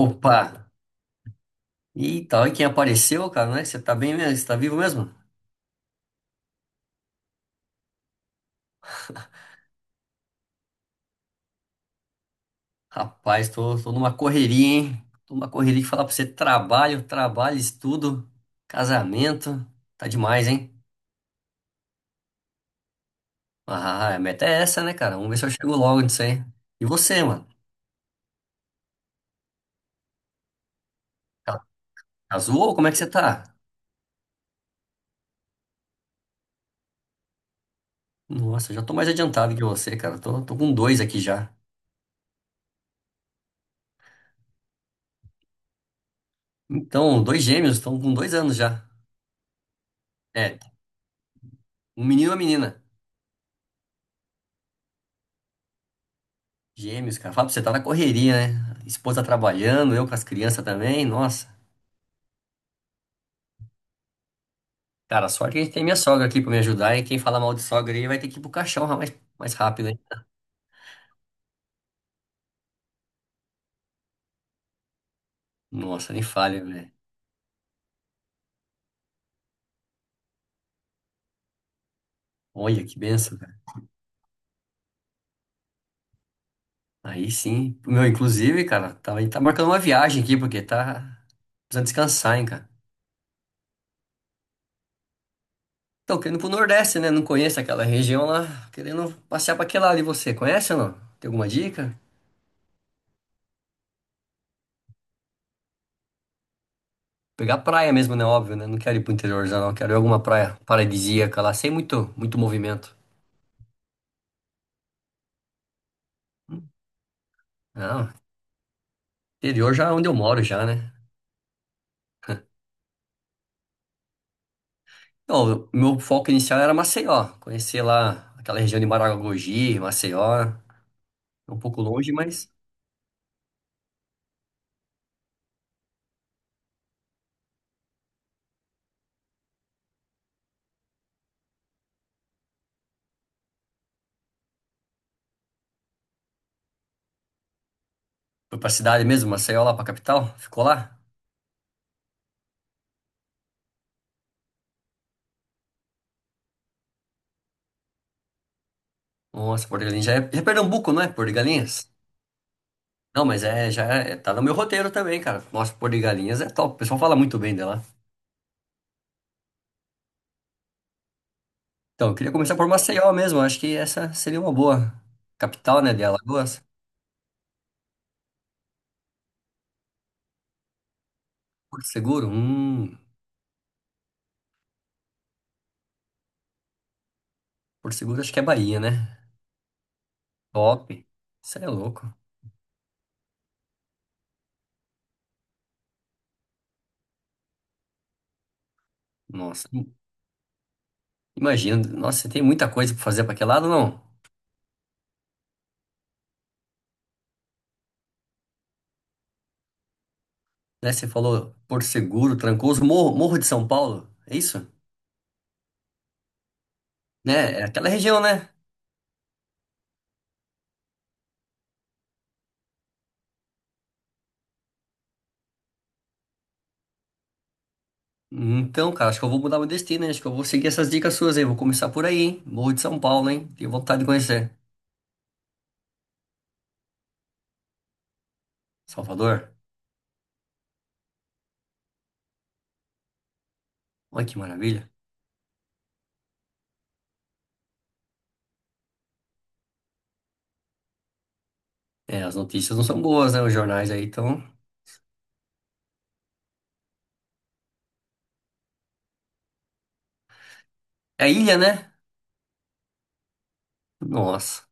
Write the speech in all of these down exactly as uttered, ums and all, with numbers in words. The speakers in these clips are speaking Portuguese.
Opa! Eita, olha quem apareceu, cara, né? Você tá bem mesmo? Você tá vivo mesmo? Rapaz, tô, tô numa correria, hein? Tô numa correria que falar pra você trabalho, trabalho, estudo, casamento. Tá demais, hein? Ah, a meta é essa, né, cara? Vamos ver se eu chego logo nisso aí. E você, mano? Ca- Casou? Ou como é que você tá? Nossa, eu já tô mais adiantado que você, cara. Tô, tô com dois aqui já. Então, dois gêmeos, estão com dois anos já. É, um menino e uma menina. Gêmeos, cara. Fala pra você, tá na correria, né? Esposa trabalhando, eu com as crianças também. Nossa. Cara, sorte é que a gente tem minha sogra aqui pra me ajudar. E quem fala mal de sogra aí vai ter que ir pro caixão mais, mais rápido, hein? Nossa, nem falha, velho. Olha que benção, cara. Aí sim. Meu, inclusive, cara, tá, a gente tá marcando uma viagem aqui, porque tá precisando descansar, hein, cara. Tô querendo ir pro Nordeste, né? Não conheço aquela região lá. Querendo passear pra aquele lado. E você, conhece ou não? Tem alguma dica? Pegar praia mesmo, né? Óbvio, né? Não quero ir pro interior já, não. Quero ir alguma praia paradisíaca lá, sem muito, muito movimento. Não, interior já é onde eu moro já, né? Não, o meu foco inicial era Maceió. Conhecer lá aquela região de Maragogi, Maceió. É, um pouco longe, mas foi pra cidade mesmo, Maceió lá pra capital. Ficou lá. Nossa, Porto de Galinhas já é, já é Pernambuco, não é? Porto de Galinhas? Não, mas é, já é, tá no meu roteiro também, cara. Nossa, Porto de Galinhas é top. O pessoal fala muito bem dela. Então, eu queria começar por Maceió mesmo. Acho que essa seria uma boa capital, né, de Alagoas. Porto Seguro? Hum, Porto Seguro acho que é Bahia, né? Top. Isso é louco. Nossa, imagina. Nossa, você tem muita coisa pra fazer pra aquele lado, não? Né, você falou Porto Seguro, Trancoso, Morro, Morro de São Paulo. É isso? Né? É aquela região, né? Então, cara, acho que eu vou mudar meu destino, hein? Acho que eu vou seguir essas dicas suas aí. Vou começar por aí, hein? Morro de São Paulo, hein? Tenho vontade de conhecer. Salvador? Olha que maravilha. É, as notícias não são boas, né? Os jornais aí estão. É a ilha, né? Nossa.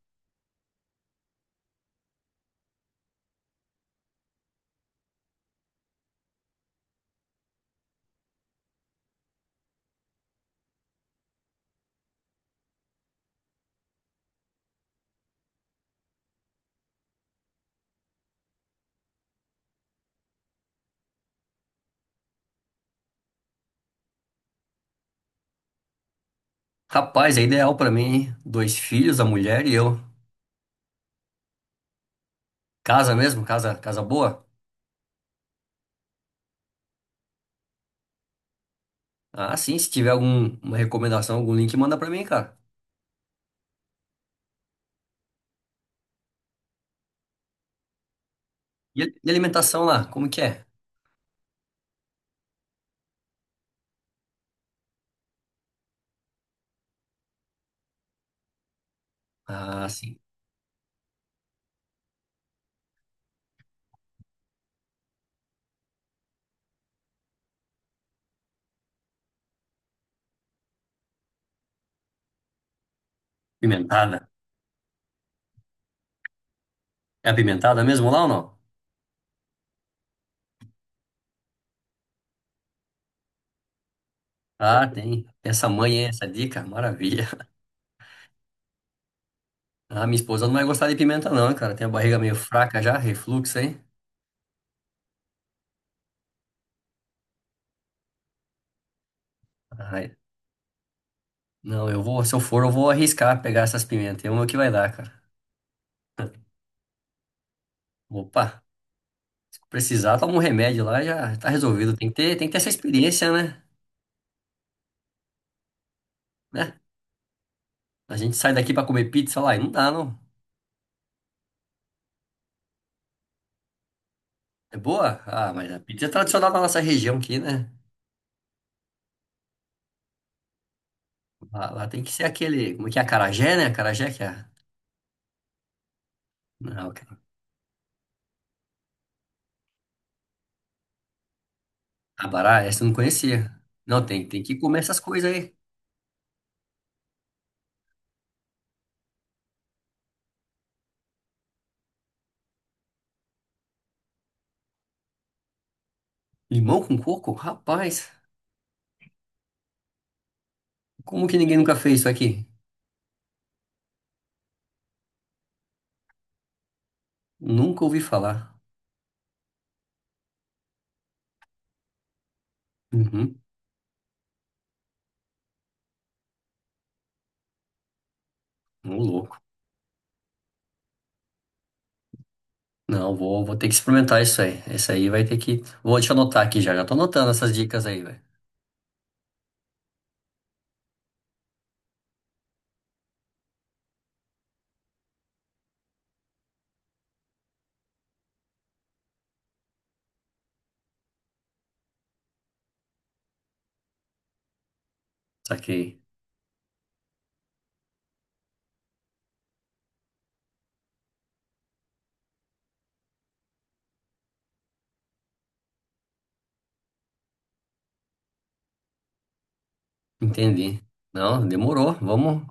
Rapaz, é ideal pra mim, hein? Dois filhos, a mulher e eu. Casa mesmo? Casa, casa boa? Ah, sim. Se tiver alguma recomendação, algum link, manda pra mim, cara. E a- e alimentação lá, como que é? Ah, sim. Pimentada. É apimentada mesmo lá ou não? Ah, tem. Essa mãe, hein? Essa dica, maravilha. Ah, minha esposa não vai gostar de pimenta, não, cara. Tem a barriga meio fraca já, refluxo, hein? Ai, não, eu vou, se eu for, eu vou arriscar pegar essas pimentas. Vamos ver o que vai dar, cara. Opa. Se precisar, toma um remédio lá, já tá resolvido. Tem que ter, tem que ter essa experiência, né? Né? A gente sai daqui pra comer pizza lá e não dá, não. É boa? Ah, mas a pizza é tradicional da nossa região aqui, né? Lá, lá tem que ser aquele, como é que é? Acarajé, né? Acarajé que é. Não, cara. Abará, essa eu não conhecia. Não, tem, tem que comer essas coisas aí. Limão com coco? Rapaz, como que ninguém nunca fez isso aqui? Nunca ouvi falar. Uhum, um louco. Não, vou, vou ter que experimentar isso aí. Isso aí vai ter que. Vou te anotar aqui já. Já tô anotando essas dicas aí, velho. Saquei. Entendi. Não, demorou. Vamos,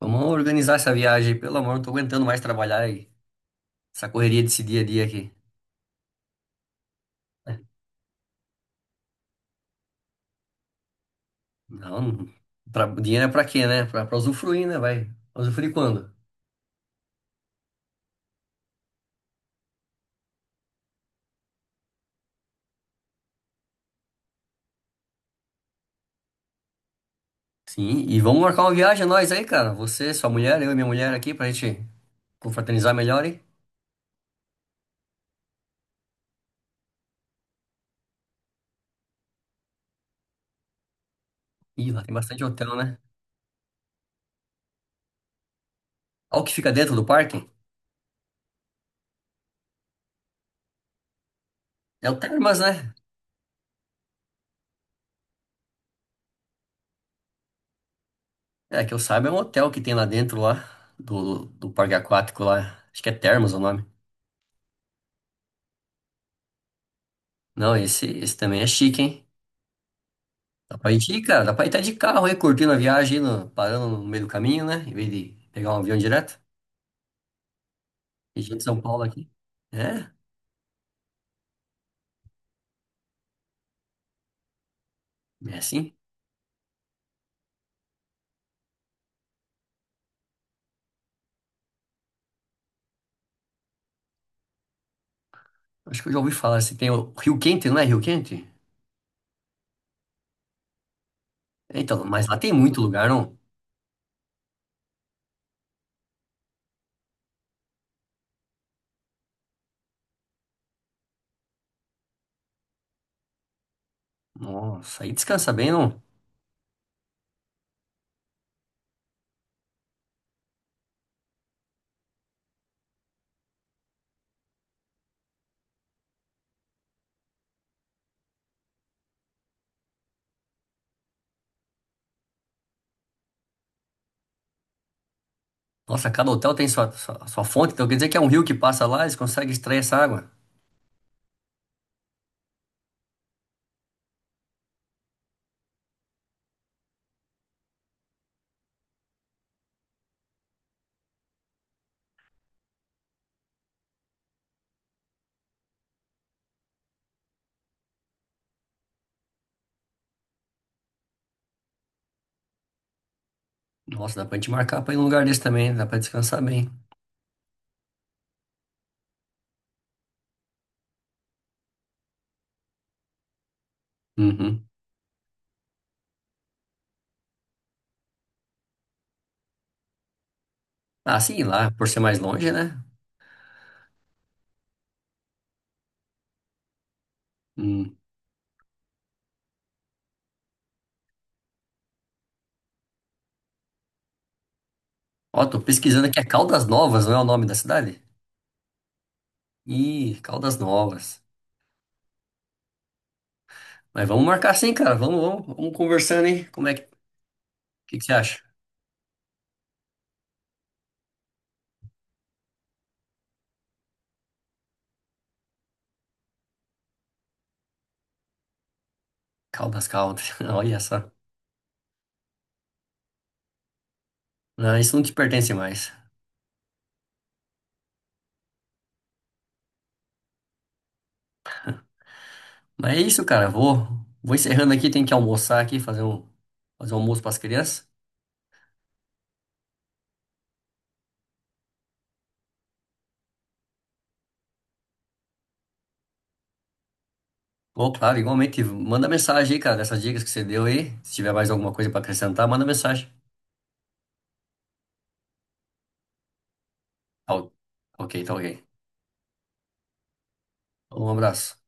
vamos organizar essa viagem. Pelo amor, não tô aguentando mais trabalhar e essa correria desse dia a dia aqui. Não, não- pra, dinheiro é pra quê, né? Pra, pra usufruir, né? Vai. Usufruir quando? Sim, e vamos marcar uma viagem nós aí, cara. Você, sua mulher, eu e minha mulher aqui pra gente confraternizar melhor, hein? Ih, lá tem bastante hotel, né? Olha o que fica dentro do parque. É o Termas, né? É, que eu saiba, é um hotel que tem lá dentro lá, do, do parque aquático lá. Acho que é Termas o nome. Não, esse, esse também é chique, hein? Dá pra gente ir, cara. Dá pra ir até de carro aí, curtindo a viagem, aí no- parando no meio do caminho, né? Em vez de pegar um avião direto. E gente de São Paulo aqui. É, é assim. Acho que eu já ouvi falar. Se tem o Rio Quente, não é Rio Quente? É. Então, mas lá tem muito lugar, não? Nossa, aí descansa bem, não? Nossa, cada hotel tem sua, sua, sua fonte. Então quer dizer que é um rio que passa lá, eles conseguem extrair essa água. Nossa, dá pra gente marcar pra ir num lugar desse também. Dá pra descansar bem. Uhum. Ah, sim, lá, por ser mais longe, né? Hum. Ó, tô pesquisando aqui. É Caldas Novas, não é o nome da cidade? Ih, Caldas Novas. Mas vamos marcar sim, cara. Vamos, vamos, vamos conversando, hein? Como é que, que, que você acha? Caldas, Caldas. Olha só. Não, isso não te pertence mais. Mas é isso, cara. Vou, vou encerrando aqui. Tem que almoçar aqui, fazer um, fazer um almoço para as crianças. Ô, claro, igualmente. Manda mensagem aí, cara, dessas dicas que você deu aí. Se tiver mais alguma coisa para acrescentar, manda mensagem. Tá ok, tá ok. Então, um abraço.